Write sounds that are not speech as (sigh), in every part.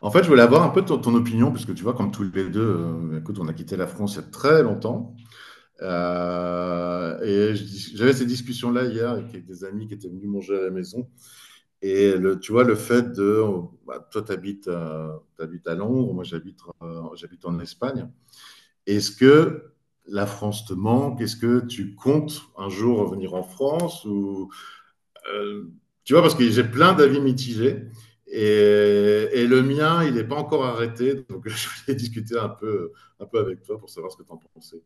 En fait, je voulais avoir un peu ton opinion, parce que tu vois, comme tous les deux, écoute, on a quitté la France il y a très longtemps. J'avais ces discussions-là hier avec des amis qui étaient venus manger à la maison. Et le, tu vois, le fait de. Bah, toi, tu t'habites à Londres, moi, j'habite en Espagne. Est-ce que la France te manque? Est-ce que tu comptes un jour revenir en France? Ou euh, tu vois, parce que j'ai plein d'avis mitigés. Et, et, le mien, il n'est pas encore arrêté. Donc, (laughs) je voulais discuter un peu avec toi pour savoir ce que tu en pensais.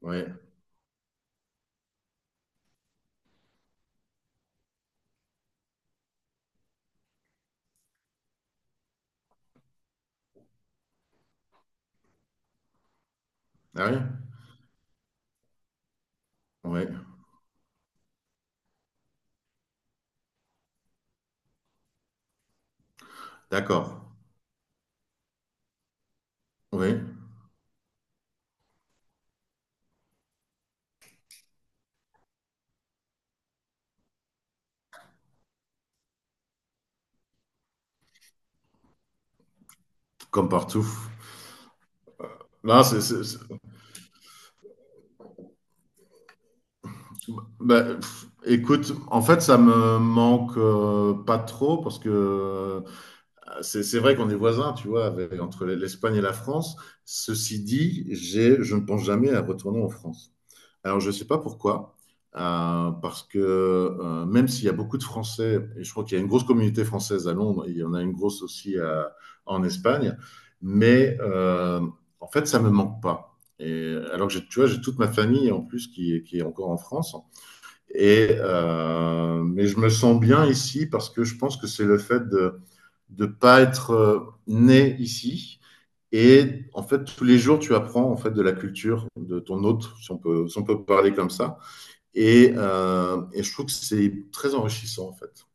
Oui. Ah oui. Ouais. D'accord. Oui. Comme partout. Non, bah, écoute, en fait, ça me manque pas trop parce que c'est vrai qu'on est voisins, tu vois, entre l'Espagne et la France. Ceci dit, je ne pense jamais à retourner en France. Alors, je ne sais pas pourquoi, parce que même s'il y a beaucoup de Français, et je crois qu'il y a une grosse communauté française à Londres, et il y en a une grosse aussi en Espagne, mais en fait, ça ne me manque pas. Et, alors que tu vois, j'ai toute ma famille en plus qui est encore en France. Mais je me sens bien ici parce que je pense que c'est le fait de ne pas être né ici. Et en fait, tous les jours, tu apprends en fait de la culture de ton autre si on peut parler comme ça. Et je trouve que c'est très enrichissant en fait.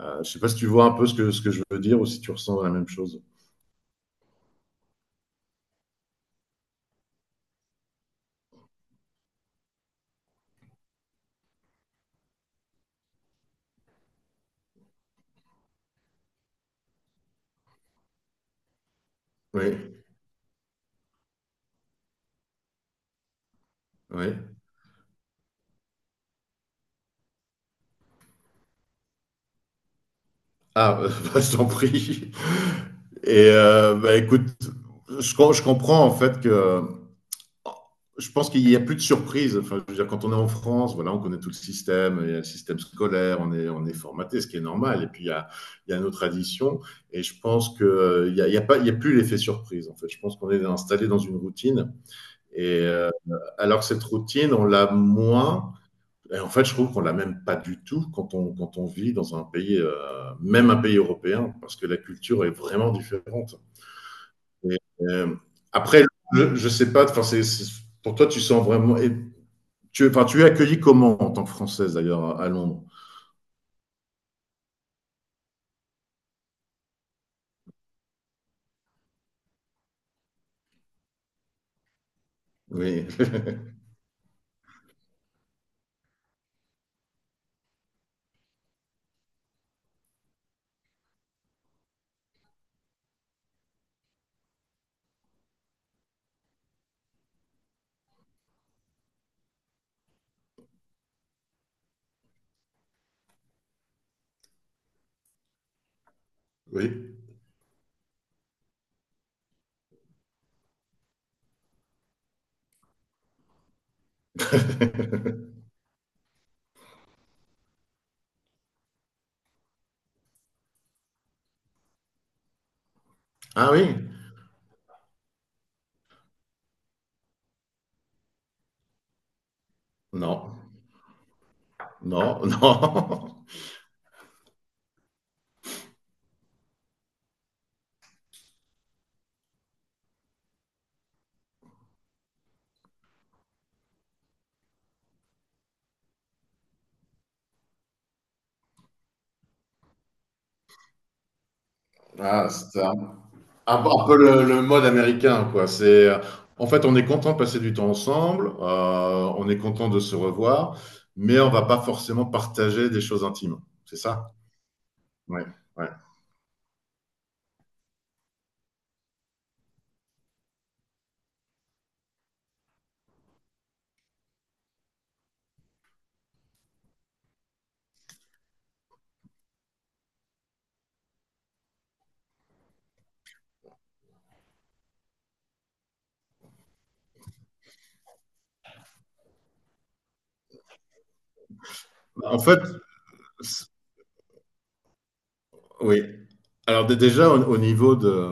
Je ne sais pas si tu vois un peu ce que je veux dire ou si tu ressens la même chose. Oui, oui. Ah, (laughs) bah, je t'en prie. Bah, écoute, je comprends en fait que je pense qu'il n'y a plus de surprise. Enfin, je veux dire, quand on est en France, voilà, on connaît tout le système, il y a le système scolaire, on est formaté, ce qui est normal. Et puis, il y a nos traditions. Et je pense qu'il n'y a, il y a, pas- il y a plus l'effet surprise, en fait. Je pense qu'on est installé dans une routine. Et euh, alors que cette routine, on l'a moins. Et en fait, je trouve qu'on l'a même pas du tout quand on vit dans un pays, même un pays européen, parce que la culture est vraiment différente. Et, euh, Après, je ne sais pas, enfin, pour toi, tu sens vraiment, et enfin, tu es accueilli comment en tant que Française d'ailleurs à Londres? Oui. (laughs) Oui. Ah, oui. Non. Non, (laughs) non. Ah, c'est un peu le mode américain, quoi. En fait, on est content de passer du temps ensemble, on est content de se revoir, mais on va pas forcément partager des choses intimes. C'est ça? Ouais, ouais. En fait, c'est- oui. Alors déjà au niveau de,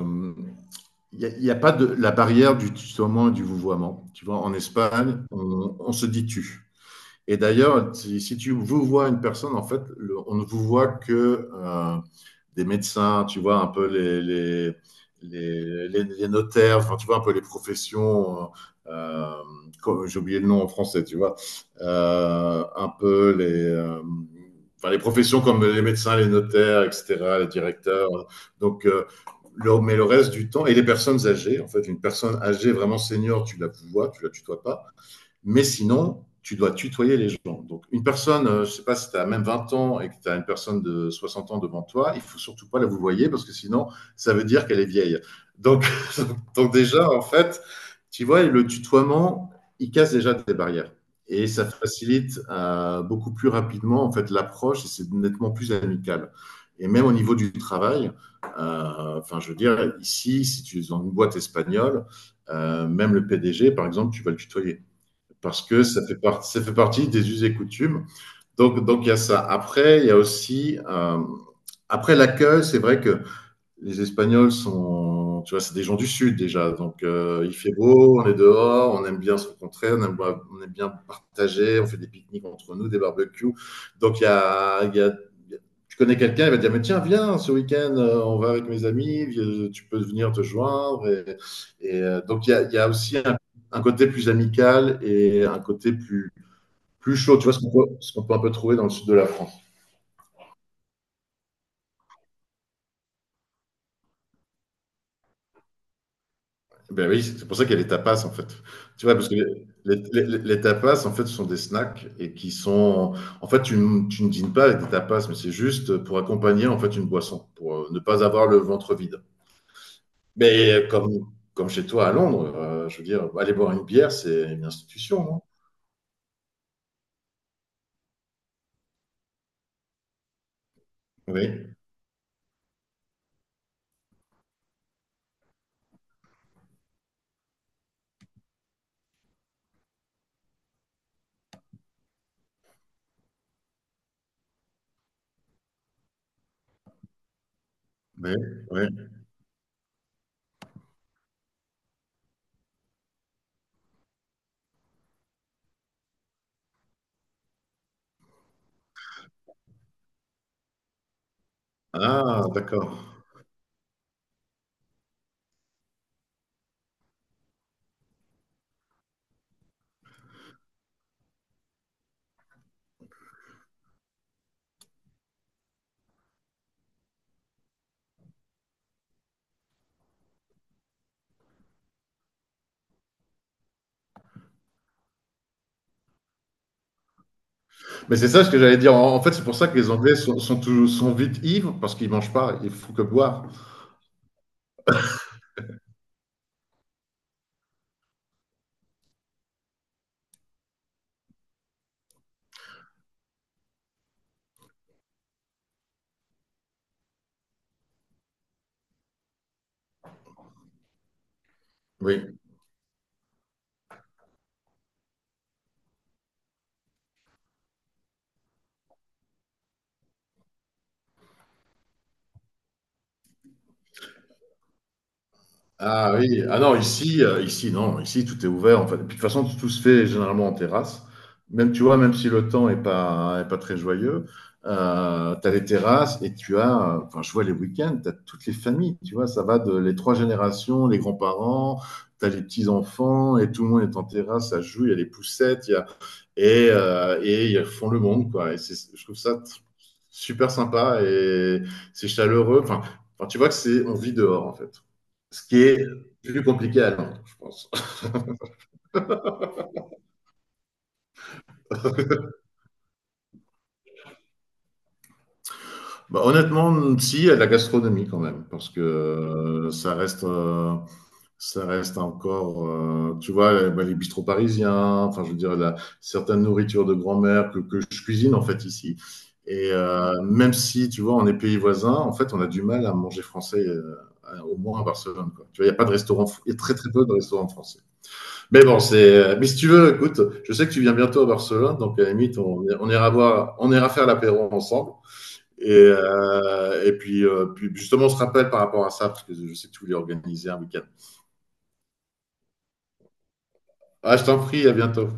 il n'y a pas de la barrière du tutoiement et du vouvoiement. Tu vois, en Espagne, on se dit tu. Et d'ailleurs, si tu vous vois une personne, en fait, on ne vous voit que des médecins, tu vois, un peu les notaires, enfin, tu vois, un peu les professions, euh, j'ai oublié le nom en français, tu vois, un peu enfin, les professions comme les médecins, les notaires, etc., les directeurs. Donc, mais le reste du temps, et les personnes âgées, en fait, une personne âgée vraiment senior, tu la vois, tu la tutoies pas. Mais sinon, tu dois tutoyer les gens. Donc, une personne, je ne sais pas si tu as même 20 ans et que tu as une personne de 60 ans devant toi, il ne faut surtout pas la vous voyez parce que sinon, ça veut dire qu'elle est vieille. Donc, (laughs) donc déjà, en fait, tu vois, le tutoiement, il casse déjà des barrières. Et ça facilite beaucoup plus rapidement en fait l'approche et c'est nettement plus amical. Et même au niveau du travail, enfin, je veux dire, ici, si tu es dans une boîte espagnole, même le PDG, par exemple, tu vas le tutoyer parce que ça fait partie des us et coutumes. Donc, il y a ça. Après, il y a aussi, après l'accueil, c'est vrai que les Espagnols sont, tu vois, c'est des gens du sud déjà. Donc, il fait beau, on est dehors, on aime bien se rencontrer, on aime bien partager, on fait des pique-niques entre nous, des barbecues. Donc, tu connais quelqu'un, il va te dire, mais tiens, viens, ce week-end, on va avec mes amis, tu peux venir te joindre. Donc, il y a aussi un côté plus amical et un côté plus chaud, tu vois, ce qu'on peut un peu trouver dans le sud de la France. Ben oui, c'est pour ça qu'il y a les tapas en fait. Tu vois, parce que les tapas en fait sont des snacks et qui sont. En fait, tu ne dînes pas avec des tapas, mais c'est juste pour accompagner en fait une boisson, pour ne pas avoir le ventre vide. Mais comme chez toi à Londres, je veux dire, aller boire une bière, c'est une institution, non? Oui, oui, oui. Ah, d'accord. Mais c'est ça ce que j'allais dire. En fait, c'est pour ça que les Anglais sont vite ivres parce qu'ils mangent pas, ils font que boire. Oui. Ah oui, ah non, ici, non, ici, tout est ouvert, en fait. Et puis, de toute façon, tout se fait généralement en terrasse. Même, tu vois, même si le temps est pas très joyeux, tu as les terrasses et tu as, enfin, je vois les week-ends, tu as toutes les familles, tu vois, ça va de les trois générations, les grands-parents, tu as les petits-enfants et tout le monde est en terrasse, ça joue, il y a les poussettes, il y a, et ils font le monde, quoi. Je trouve super sympa et c'est chaleureux. Enfin, tu vois que c'est, on vit dehors, en fait. Ce qui est plus compliqué à Londres, je pense. Bah, honnêtement, si, à la gastronomie quand même, parce que ça reste encore, tu vois, bah, les bistrots parisiens, enfin, je veux dire, certaines nourritures de grand-mère que je cuisine en fait ici. Même si, tu vois, on est pays voisins, en fait, on a du mal à manger français, au moins à Barcelone, quoi. Tu vois, il n'y a pas de restaurant, il y a très très peu de restaurants français. Mais bon, c'est. Mais si tu veux, écoute, je sais que tu viens bientôt à Barcelone, donc à la limite, on ira voir, on ira faire l'apéro ensemble. Et puis, justement, on se rappelle par rapport à ça, parce que je sais que tu voulais organiser un week-end. Ah, je t'en prie, à bientôt.